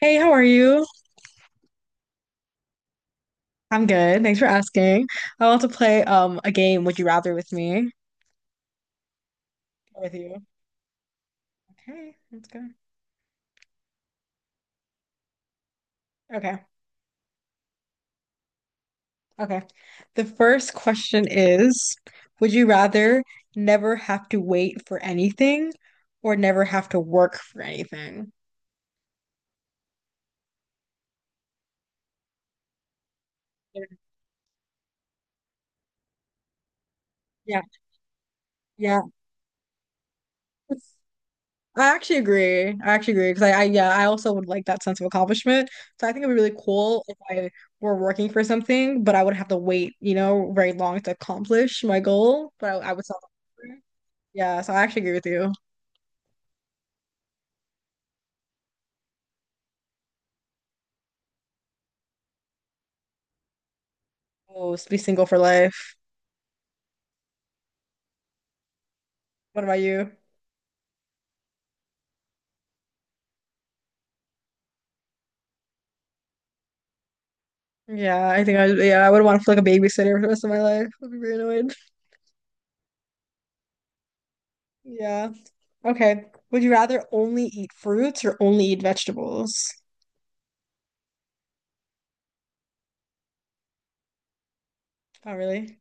Hey, how are you? I'm good. Thanks for asking. I want to play a game, Would You Rather with me? With you. Okay, let's go. Okay, okay. The first question is, would you rather never have to wait for anything or never have to work for anything? Yeah, yeah. I actually agree. I actually agree because I, yeah, I also would like that sense of accomplishment. So I think it would be really cool if I were working for something, but I would have to wait very long to accomplish my goal. But I would still, yeah, so I actually agree with you. Oh, be single for life. What about you? Yeah, I think I, yeah, I would want to feel like a babysitter for the rest of my life. I'd be very annoyed. Yeah. Okay. Would you rather only eat fruits or only eat vegetables? Oh, really?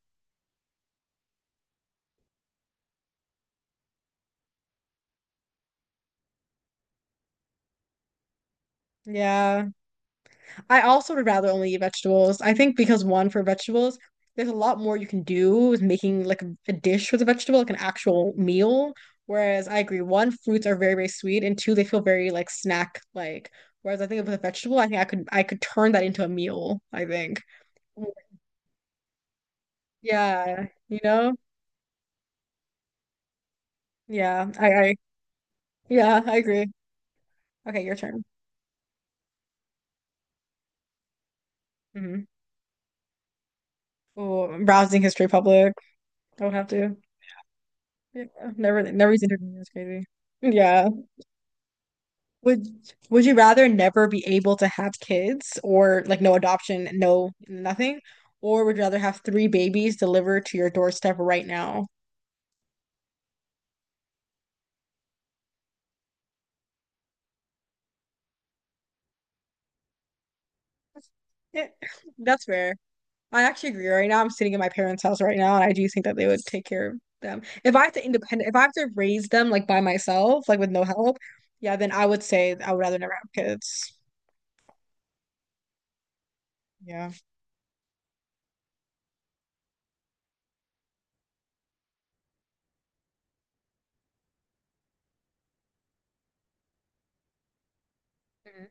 Yeah. I also would rather only eat vegetables. I think because one, for vegetables, there's a lot more you can do with making like a dish with a vegetable, like an actual meal. Whereas I agree, one, fruits are very, very sweet, and two, they feel very like snack like. Whereas I think with a vegetable, I think I could turn that into a meal, I think. Yeah, you know? Yeah, I yeah, I agree. Okay, your turn. Hmm. Oh, I'm browsing History Public. I would have to. Yeah, never, never used internet. That's crazy. Yeah. Would would you rather never be able to have kids or like no adoption, no nothing, or would you rather have three babies delivered to your doorstep right now? Eh, that's fair. I actually agree. Right now, I'm sitting in my parents' house right now, and I do think that they would take care of them. If I have to independent, if I have to raise them like by myself, like with no help, yeah, then I would say I would rather never have kids. Yeah. Mhm.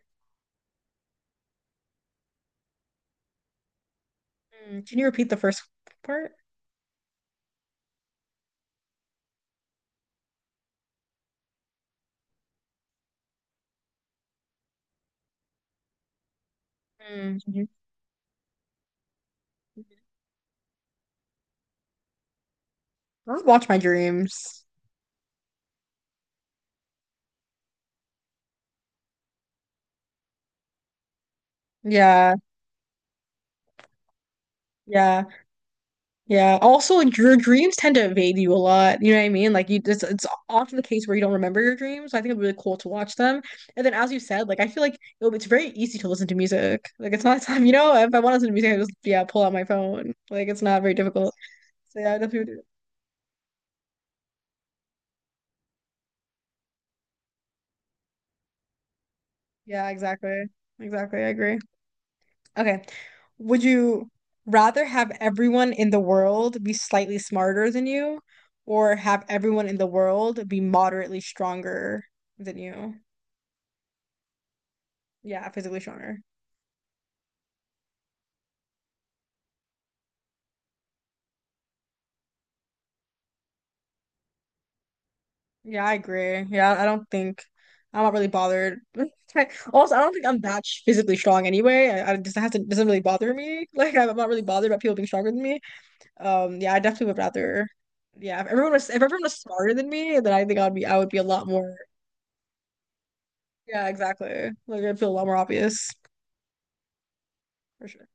Can you repeat the first part? Mm-hmm. Don't watch my dreams. Yeah, yeah. Yeah. Also, like your dreams tend to evade you a lot. You know what I mean? Like you, it's often the case where you don't remember your dreams. So I think it'd be really cool to watch them. And then, as you said, like I feel like it's very easy to listen to music. Like it's not time. If I want to listen to music, I just yeah pull out my phone. Like it's not very difficult. So yeah, I definitely. Yeah, exactly. Exactly. I agree. Okay. Would you rather have everyone in the world be slightly smarter than you, or have everyone in the world be moderately stronger than you? Yeah, physically stronger. Yeah, I agree. Yeah, I don't think I'm not really bothered. Also, I don't think I'm that physically strong anyway. I just hasn't doesn't really bother me. Like I'm not really bothered about people being stronger than me. Yeah, I definitely would rather. Yeah, if everyone was smarter than me, then I think I would be a lot more. Yeah, exactly. Like I'd feel a lot more obvious for sure.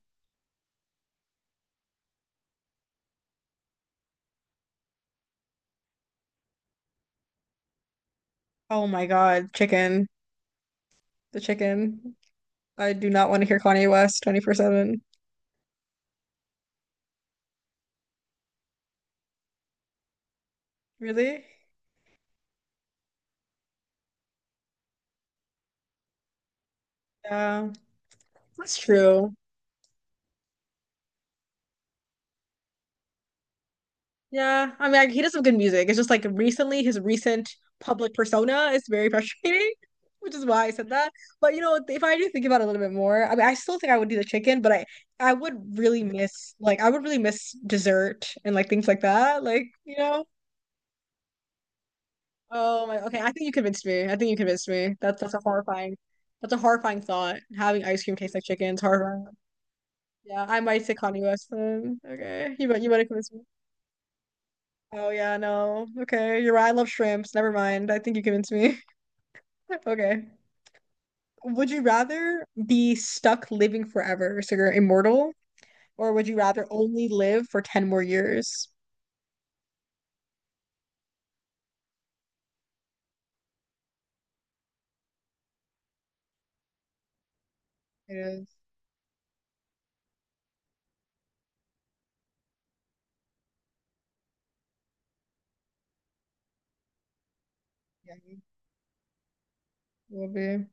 Oh my God, chicken, the chicken. I do not want to hear Kanye West 24/7. Really? Yeah, that's true. Yeah, I mean, like, he does some good music. It's just like recently, his recent public persona is very frustrating, which is why I said that. But if I do think about it a little bit more, I mean, I still think I would do the chicken, but I would really miss like I would really miss dessert and like things like that. Oh my, okay. I think you convinced me. I think you convinced me. That's a horrifying, that's a horrifying thought. Having ice cream taste like chicken is horrifying. Yeah, I might say Kanye West then. Okay, you might have convinced me. Oh yeah, no. Okay, you're right. I love shrimps. Never mind. I think you convinced me. Okay. Would you rather be stuck living forever, so you're immortal, or would you rather only live for 10 more years? It is. Yeah, it will be.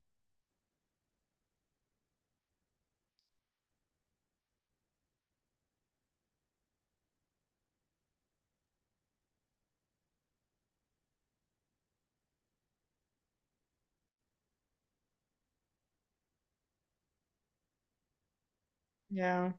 Yeah.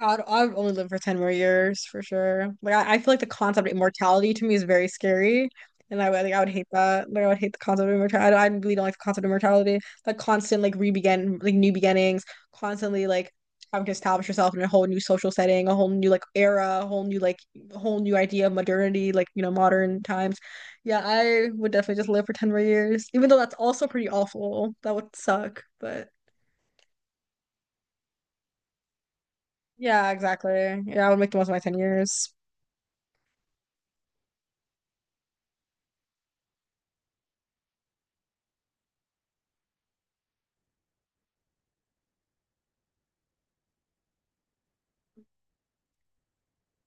I'd only live for 10 more years for sure. Like I feel like the concept of immortality to me is very scary. And I would hate that. Like I would hate the concept of immortality. I really don't like the concept of immortality. Like constant like re-begin like new beginnings, constantly like having to establish yourself in a whole new social setting, a whole new like era, a whole new idea of modernity, modern times. Yeah, I would definitely just live for 10 more years. Even though that's also pretty awful. That would suck. But yeah, exactly. Yeah, I would make the most of my 10 years.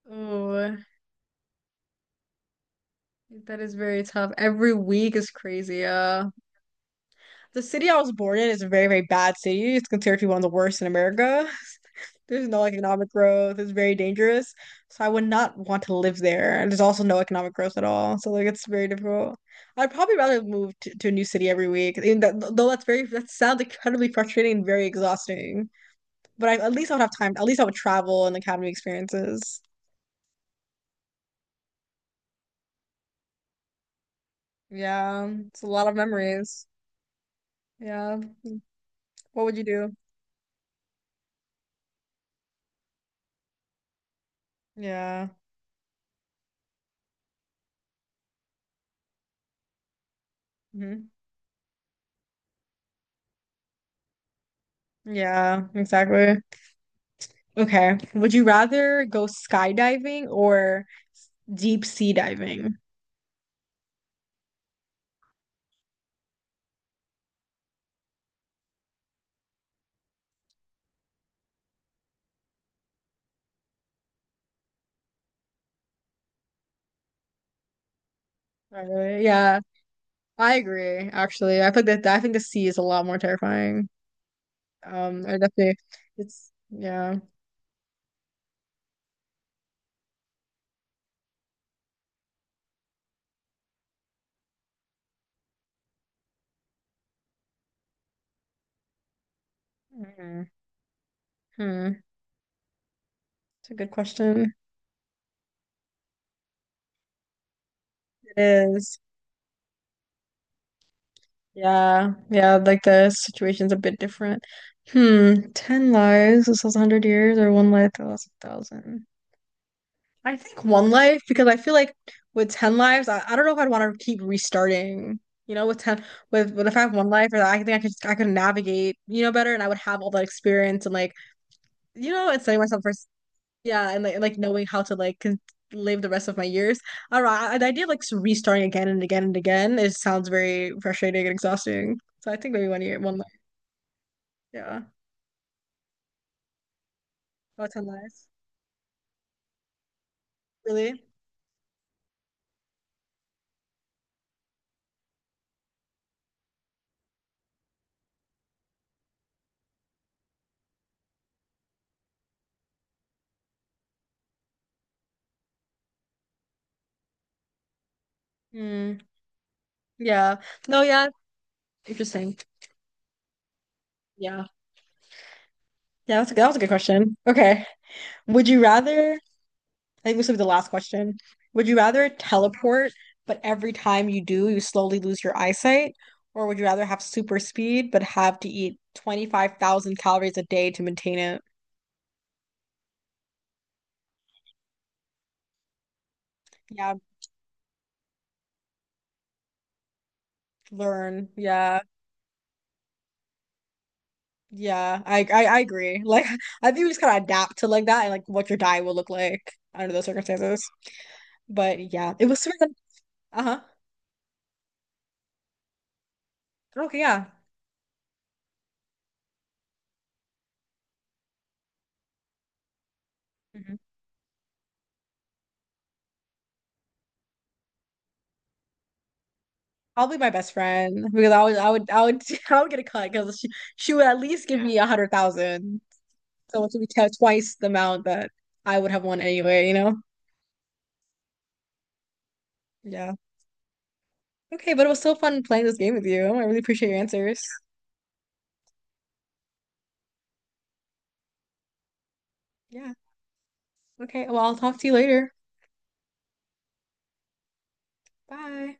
Oh, that is very tough. Every week is crazy. The city I was born in is a very, very bad city. It's considered to be one of the worst in America. There's no economic growth. It's very dangerous. So I would not want to live there. And there's also no economic growth at all. So like it's very difficult. I'd probably rather move to a new city every week. Even that, though that sounds incredibly frustrating and very exhausting. But at least I would have time. At least I would travel and like have new experiences. Yeah, it's a lot of memories. Yeah. What would you do? Yeah. Hmm. Yeah, exactly. Okay. Would you rather go skydiving or deep sea diving? Not really? Yeah, I agree, actually. I think the sea is a lot more terrifying. I definitely, it's, yeah. Mhm. Hmm. It's a good question. It is. Yeah. Yeah, like the situation's a bit different. Hmm. 10 lives, this was 100 years, or one life that lasts 1,000. I think one life because I feel like with 10 lives, I don't know if I'd want to keep restarting. You know, with 10 with but if I have one life or that, I think I could navigate, better and I would have all that experience and like, you know, and setting myself yeah, and, like knowing how to like con live the rest of my years. I don't know. The idea of like restarting again and again and again, it sounds very frustrating and exhausting. So I think maybe one year, one life. Yeah. About 10 lives. Really? Hmm. Yeah. No, yeah. Interesting. Yeah. Yeah, that was a good question. Okay. Would you rather, I think this will be the last question. Would you rather teleport, but every time you do, you slowly lose your eyesight? Or would you rather have super speed, but have to eat 25,000 calories a day to maintain it? Yeah, learn. Yeah. Yeah. I agree. Like, I think we just kind of adapt to like that and like what your diet will look like under those circumstances. But yeah, it was super fun. Uh-huh. Okay, yeah. Mhm. Probably my best friend because I would I would get a cut because she would at least give, yeah, me 100,000. So it would be t twice the amount that I would have won anyway, you know? Yeah. Okay, but it was so fun playing this game with you. I really appreciate your answers. Yeah. Okay. Well, I'll talk to you later. Bye.